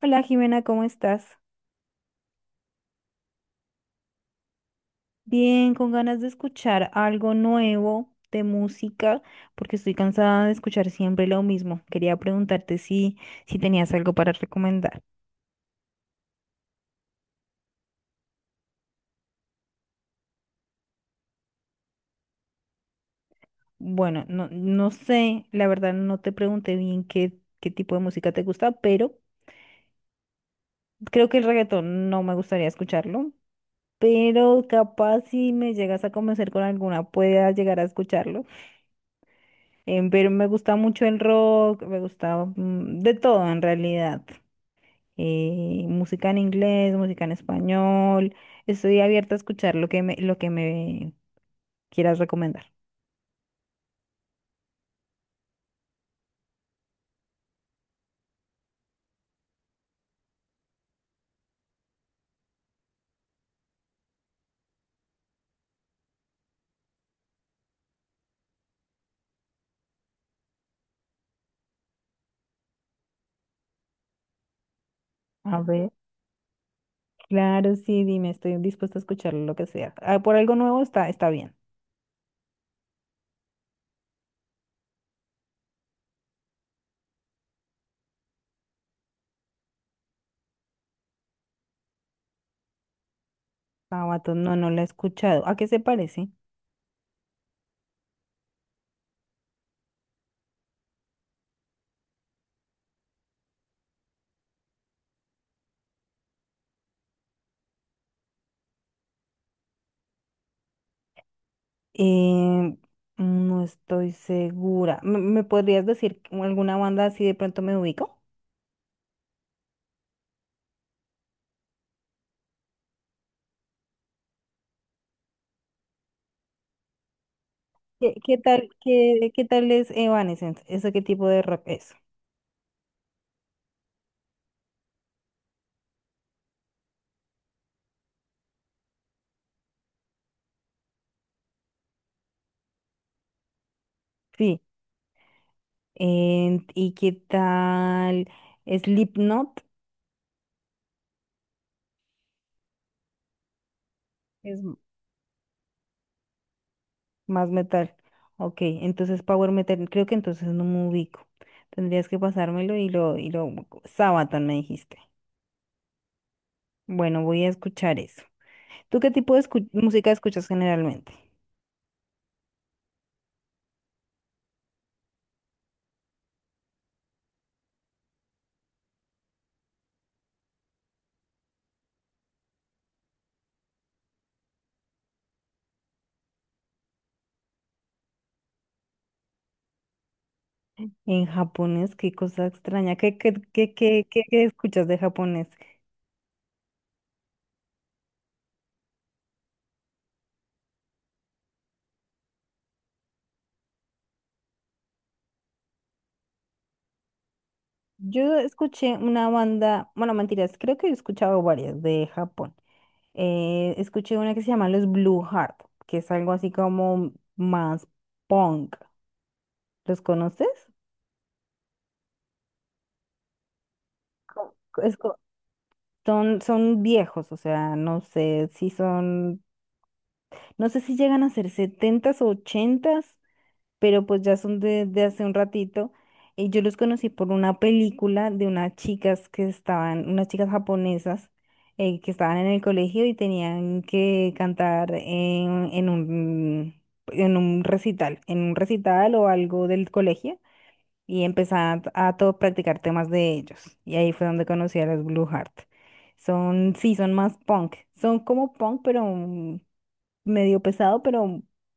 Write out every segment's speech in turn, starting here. Hola Jimena, ¿cómo estás? Bien, con ganas de escuchar algo nuevo de música, porque estoy cansada de escuchar siempre lo mismo. Quería preguntarte si tenías algo para recomendar. Bueno, no, no sé, la verdad no te pregunté bien qué tipo de música te gusta, pero creo que el reggaetón no me gustaría escucharlo, pero capaz si me llegas a convencer con alguna, pueda llegar a escucharlo. Pero me gusta mucho el rock, me gusta de todo en realidad. Música en inglés, música en español. Estoy abierta a escuchar lo que me quieras recomendar. A ver, claro, sí, dime, estoy dispuesta a escuchar lo que sea. Ah, por algo nuevo está, está bien. Sabaton, no, no la he escuchado. ¿A qué se parece? Eh, no estoy segura. ¿Me podrías decir alguna banda así de pronto me ubico? ¿Qué, qué tal, qué tal es Evanescence? ¿Eso qué tipo de rock es? Sí. ¿Y qué tal Slipknot? Es m- Más metal. Ok, entonces Power Metal, creo que entonces no me ubico. Tendrías que pasármelo Sabaton me dijiste. Bueno, voy a escuchar eso. ¿Tú qué tipo de música escuchas generalmente? En japonés, qué cosa extraña. ¿Qué escuchas de japonés? Yo escuché una banda, bueno, mentiras, creo que he escuchado varias de Japón. Escuché una que se llama Los Blue Heart, que es algo así como más punk. ¿Los conoces? Co- es co- Son, son viejos, o sea, no sé si son, no sé si llegan a ser setentas o ochentas, pero pues ya son de hace un ratito. Y yo los conocí por una película de unas chicas que estaban, unas chicas japonesas que estaban en el colegio y tenían que cantar en un recital o algo del colegio y empezaban a todo practicar temas de ellos. Y ahí fue donde conocí a los Blue Heart. Son, sí, son más punk. Son como punk, pero medio pesado, pero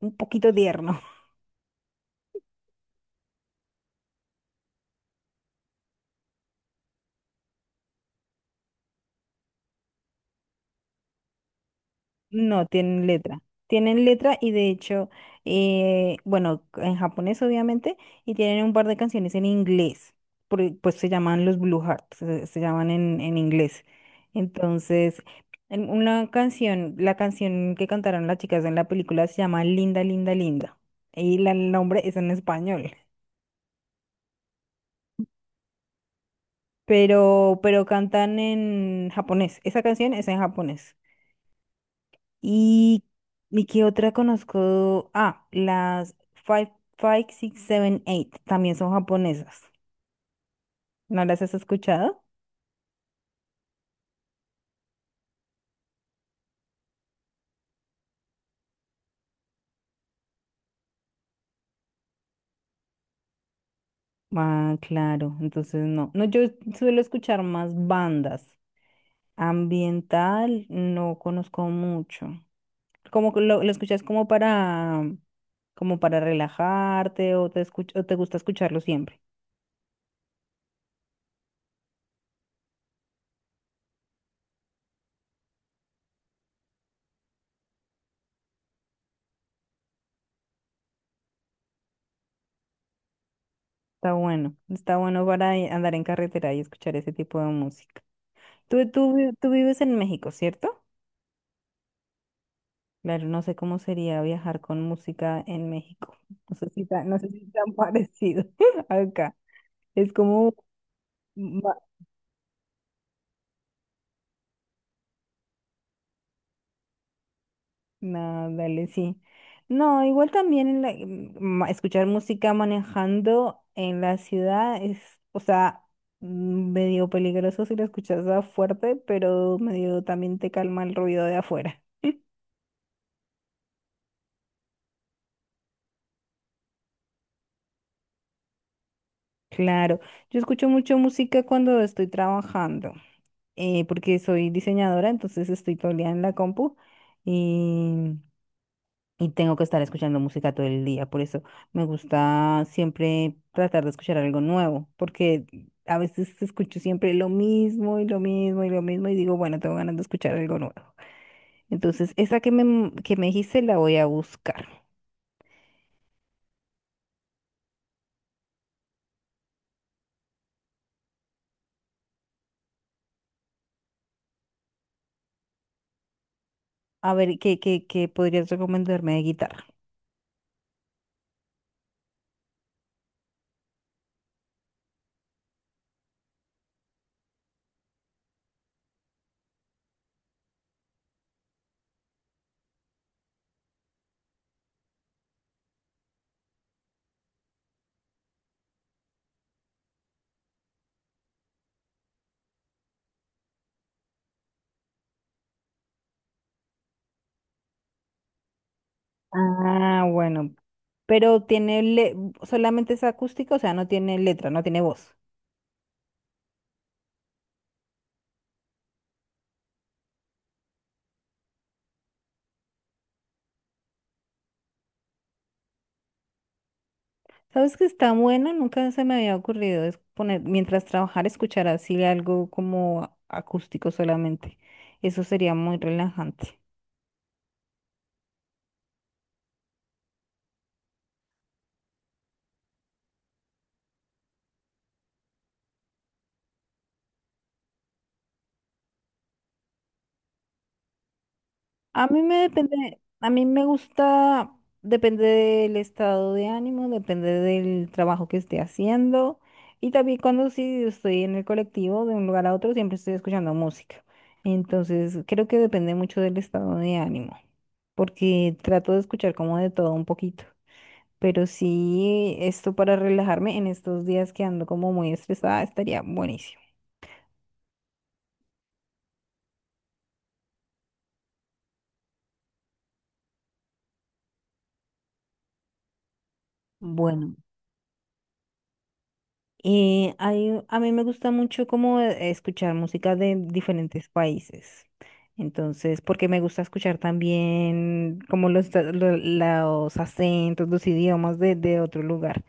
un poquito tierno. No, tienen letra. Tienen letra y de hecho, bueno, en japonés obviamente, y tienen un par de canciones en inglés, pues se llaman los Blue Hearts, se llaman en inglés. Entonces, en una canción, la canción que cantaron las chicas en la película se llama Linda, Linda, Linda. Y el nombre es en español, pero cantan en japonés. Esa canción es en japonés. Y, ¿Y qué otra conozco? Ah, las Five, Five, Six, Seven, Eight. También son japonesas. ¿No las has escuchado? Ah, claro. Entonces no. No, yo suelo escuchar más bandas. Ambiental no conozco mucho. Como que lo escuchas como para, como para relajarte o o te gusta escucharlo siempre. Está bueno. Está bueno para andar en carretera y escuchar ese tipo de música. Tú vives en México, ¿cierto? Claro, no sé cómo sería viajar con música en México. No sé si tan, no sé si tan parecido acá. Es como, ma- no, dale, sí. No, igual también en en escuchar música manejando en la ciudad es, o sea, medio peligroso si la escuchas a fuerte, pero medio también te calma el ruido de afuera. Claro, yo escucho mucho música cuando estoy trabajando. Porque soy diseñadora, entonces estoy todo el día en la compu y, y tengo que estar escuchando música todo el día. Por eso me gusta siempre tratar de escuchar algo nuevo, porque a veces escucho siempre lo mismo y lo mismo y lo mismo y digo, bueno, tengo ganas de escuchar algo nuevo. Entonces, esa que me dijiste la voy a buscar. A ver, ¿qué, qué podrías recomendarme de guitarra? Ah, bueno, pero solamente es acústica, o sea, no tiene letra, no tiene voz. ¿Sabes que está bueno? Nunca se me había ocurrido es poner, mientras trabajar, escuchar así algo como acústico solamente. Eso sería muy relajante. A mí me depende, a mí me gusta, depende del estado de ánimo, depende del trabajo que esté haciendo. Y también cuando sí estoy en el colectivo de un lugar a otro, siempre estoy escuchando música. Entonces, creo que depende mucho del estado de ánimo, porque trato de escuchar como de todo un poquito. Pero sí, esto para relajarme en estos días que ando como muy estresada estaría buenísimo. Bueno, a mí me gusta mucho como escuchar música de diferentes países. Entonces, porque me gusta escuchar también como los acentos, los idiomas de otro lugar.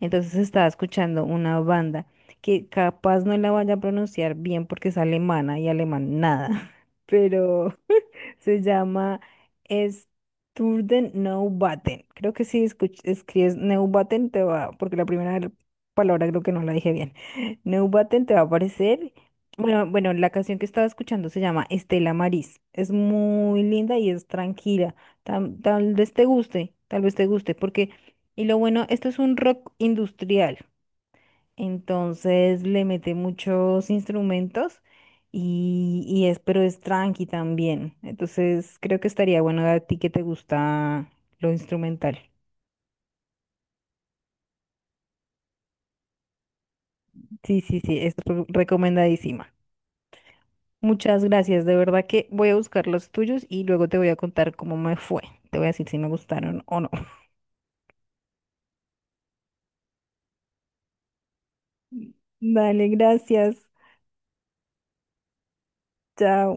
Entonces estaba escuchando una banda que capaz no la vaya a pronunciar bien porque es alemana y alemán nada, pero… Se llama Sturden Neubauten. Creo que si escribes Neubauten te va, porque la primera palabra creo que no la dije bien. Neubauten te va a aparecer. Bueno, bueno, la canción que estaba escuchando se llama Estela Maris. Es muy linda y es tranquila. Tal vez te guste, tal vez te guste, porque, y lo bueno, esto es un rock industrial. Entonces le mete muchos instrumentos y es, pero es tranqui también. Entonces creo que estaría bueno a ti que te gusta lo instrumental. Sí, sí, sí, es recomendadísima. Muchas gracias, de verdad que voy a buscar los tuyos y luego te voy a contar cómo me fue. Te voy a decir si me gustaron o no. Dale, gracias. Chao.